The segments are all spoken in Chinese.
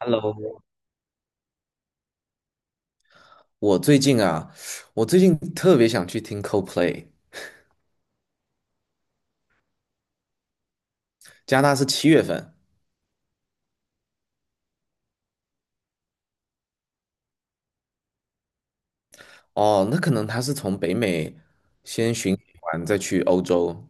Hello，我最近啊，我最近特别想去听 Coldplay。加拿大是七月份，哦，那可能他是从北美先巡演完再去欧洲。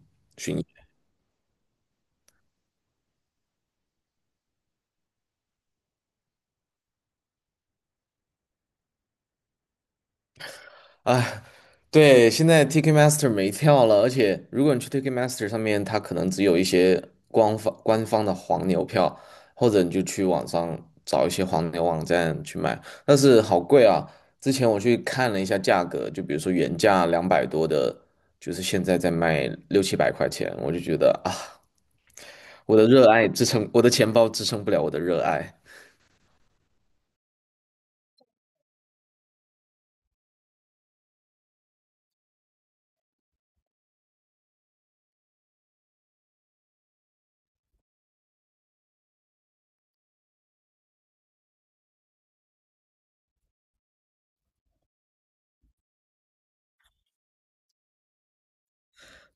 哎，对，现在 Ticketmaster 没票了，而且如果你去 Ticketmaster 上面，它可能只有一些官方的黄牛票，或者你就去网上找一些黄牛网站去买，但是好贵啊！之前我去看了一下价格，就比如说原价两百多的，就是现在在卖六七百块钱，我就觉得啊，我的热爱支撑，我的钱包支撑不了我的热爱，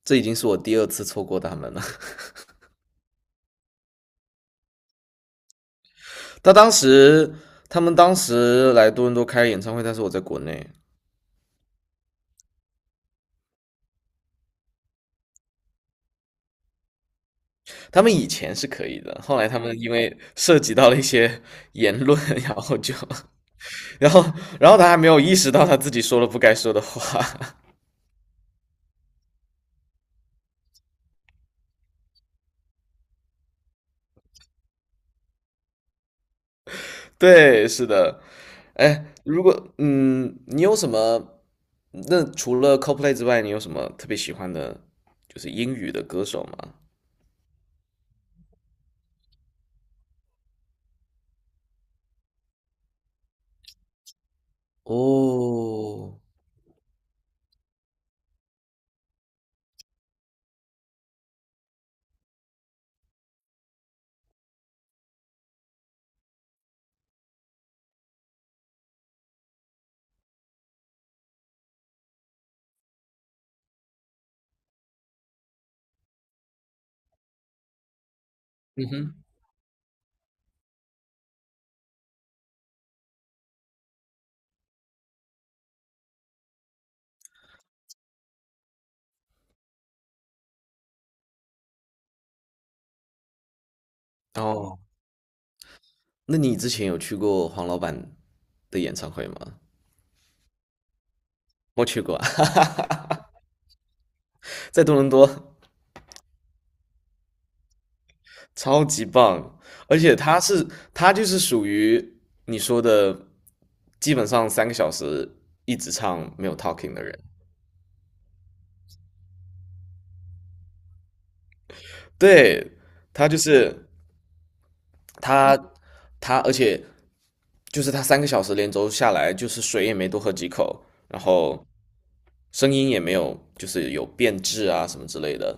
这已经是我第二次错过他们了。他当时他们当时来多伦多开演唱会，但是我在国内，他们以前是可以的，后来他们因为涉及到了一些言论，然后就，然后然后他还没有意识到他自己说了不该说的话，对，是的，哎，如果你有什么？那除了 c o l p l a y 之外，你有什么特别喜欢的，就是英语的歌手吗？哦，哦，那你之前有去过黄老板的演唱会吗？我去过，哈哈，在多伦多，超级棒，而且他就是属于你说的，基本上三个小时一直唱没有 talking 的人，对，他就是他他，而且就是他三个小时连轴下来，就是水也没多喝几口，然后声音也没有就是有变质啊什么之类的，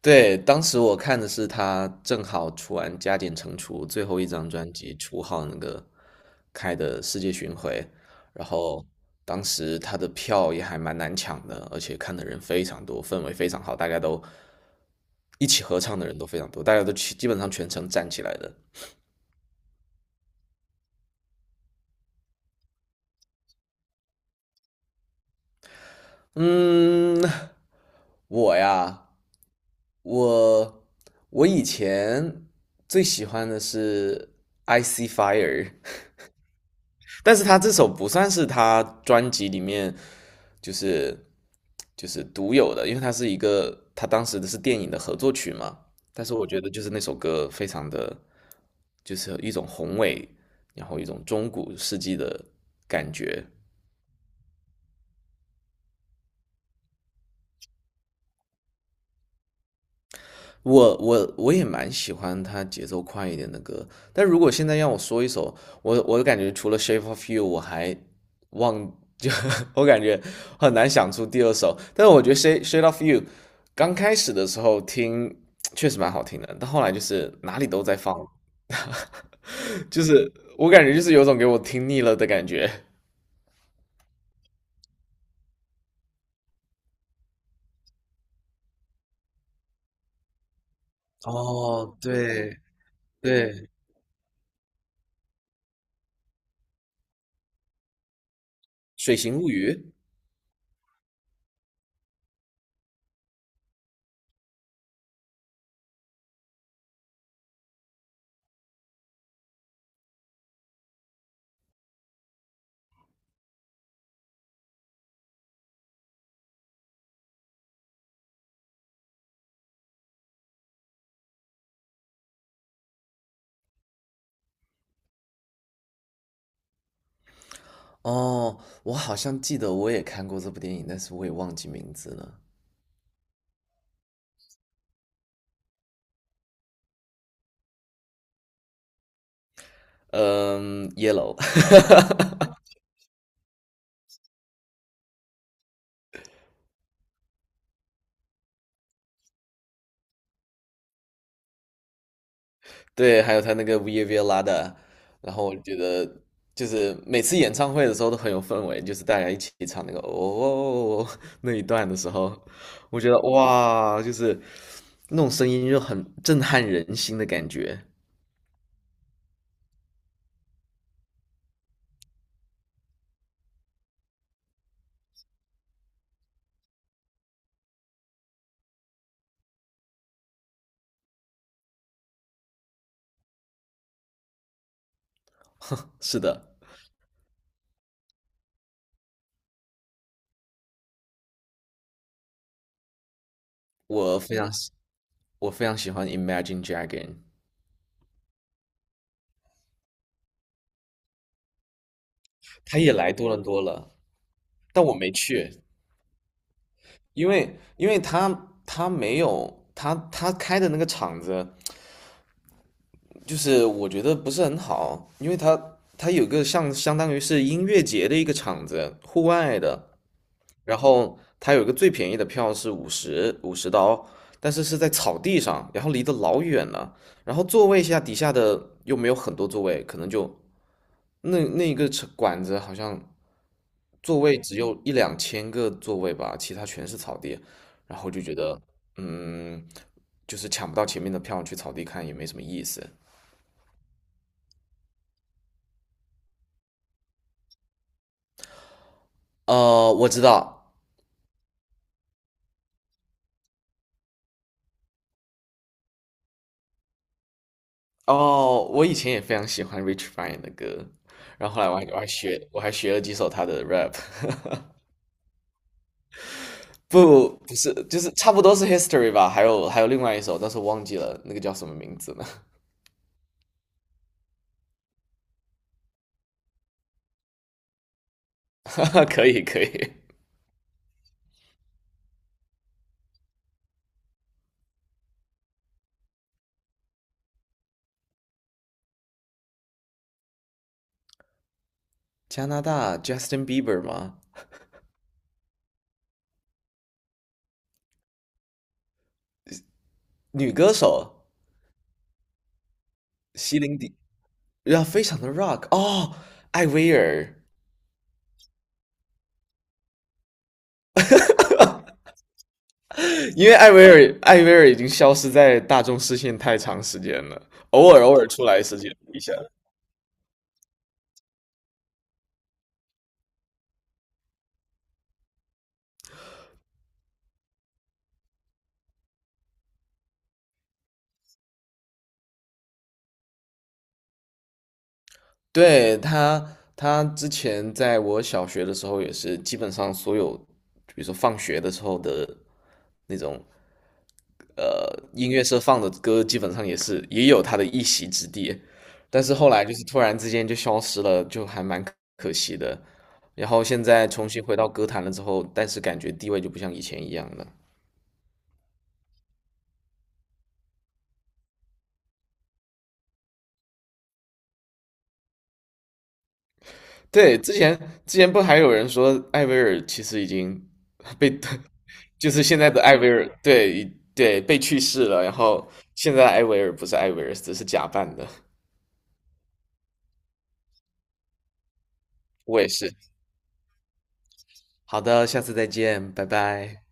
对，当时我看的是他正好出完《加减乘除》最后一张专辑初号那个开的世界巡回，然后当时他的票也还蛮难抢的，而且看的人非常多，氛围非常好，大家都一起合唱的人都非常多，大家都基本上全程站起来的。嗯，我呀，我我以前最喜欢的是 IC Fire。但是他这首不算是他专辑里面就是就是独有的，因为它是一个他当时的是电影的合作曲嘛。但是我觉得就是那首歌非常的，就是一种宏伟，然后一种中古世纪的感觉。我也蛮喜欢他节奏快一点的歌，但如果现在让我说一首，我感觉除了《Shape of You》，我还忘就 我感觉很难想出第二首。但是我觉得《Shape of You》刚开始的时候听确实蛮好听的，但后来就是哪里都在放 就是我感觉就是有种给我听腻了的感觉。哦，对，《水形物语》哦，我好像记得我也看过这部电影，但是我也忘记名字了。嗯，Yellow，对，还有他那个 v i Via l a 的，然后我觉得就是每次演唱会的时候都很有氛围，就是大家一起唱那个哦哦哦哦哦那一段的时候，我觉得哇，就是那种声音就很震撼人心的感觉。是的，我非常喜我非常喜欢 Imagine Dragon，他也来多伦多了，但我没去，因为他他没有他他开的那个场子。就是我觉得不是很好，因为它有个像相当于是音乐节的一个场子，户外的，然后它有一个最便宜的票是五十刀，但是是在草地上，然后离得老远了，然后座位下底下的又没有很多座位，可能就那个场馆子好像座位只有1 2千个座位吧，其他全是草地，然后就觉得嗯，就是抢不到前面的票去草地看也没什么意思。呃，我知道。哦，我以前也非常喜欢 Rich Brian 的歌，然后后来我还学了几首他的 rap，不是就是差不多是 History 吧，还有另外一首，但是忘记了那个叫什么名字了。可以可以，加拿大 Justin Bieber 吗？女歌手，席林迪，要非常的 rock 哦，艾薇儿，因为艾薇儿已经消失在大众视线太长时间了，偶尔出来时间一下。对，他之前在我小学的时候也是，基本上所有，比如说放学的时候的那种，呃，音乐社放的歌，基本上也是也有他的一席之地。但是后来就是突然之间就消失了，就还蛮可惜的。然后现在重新回到歌坛了之后，但是感觉地位就不像以前一样了。对，之前不还有人说艾薇儿其实已经被，就是现在的艾薇儿，对被去世了，然后现在的艾薇儿不是艾薇儿，只是假扮的。我也是。好的，下次再见，拜拜。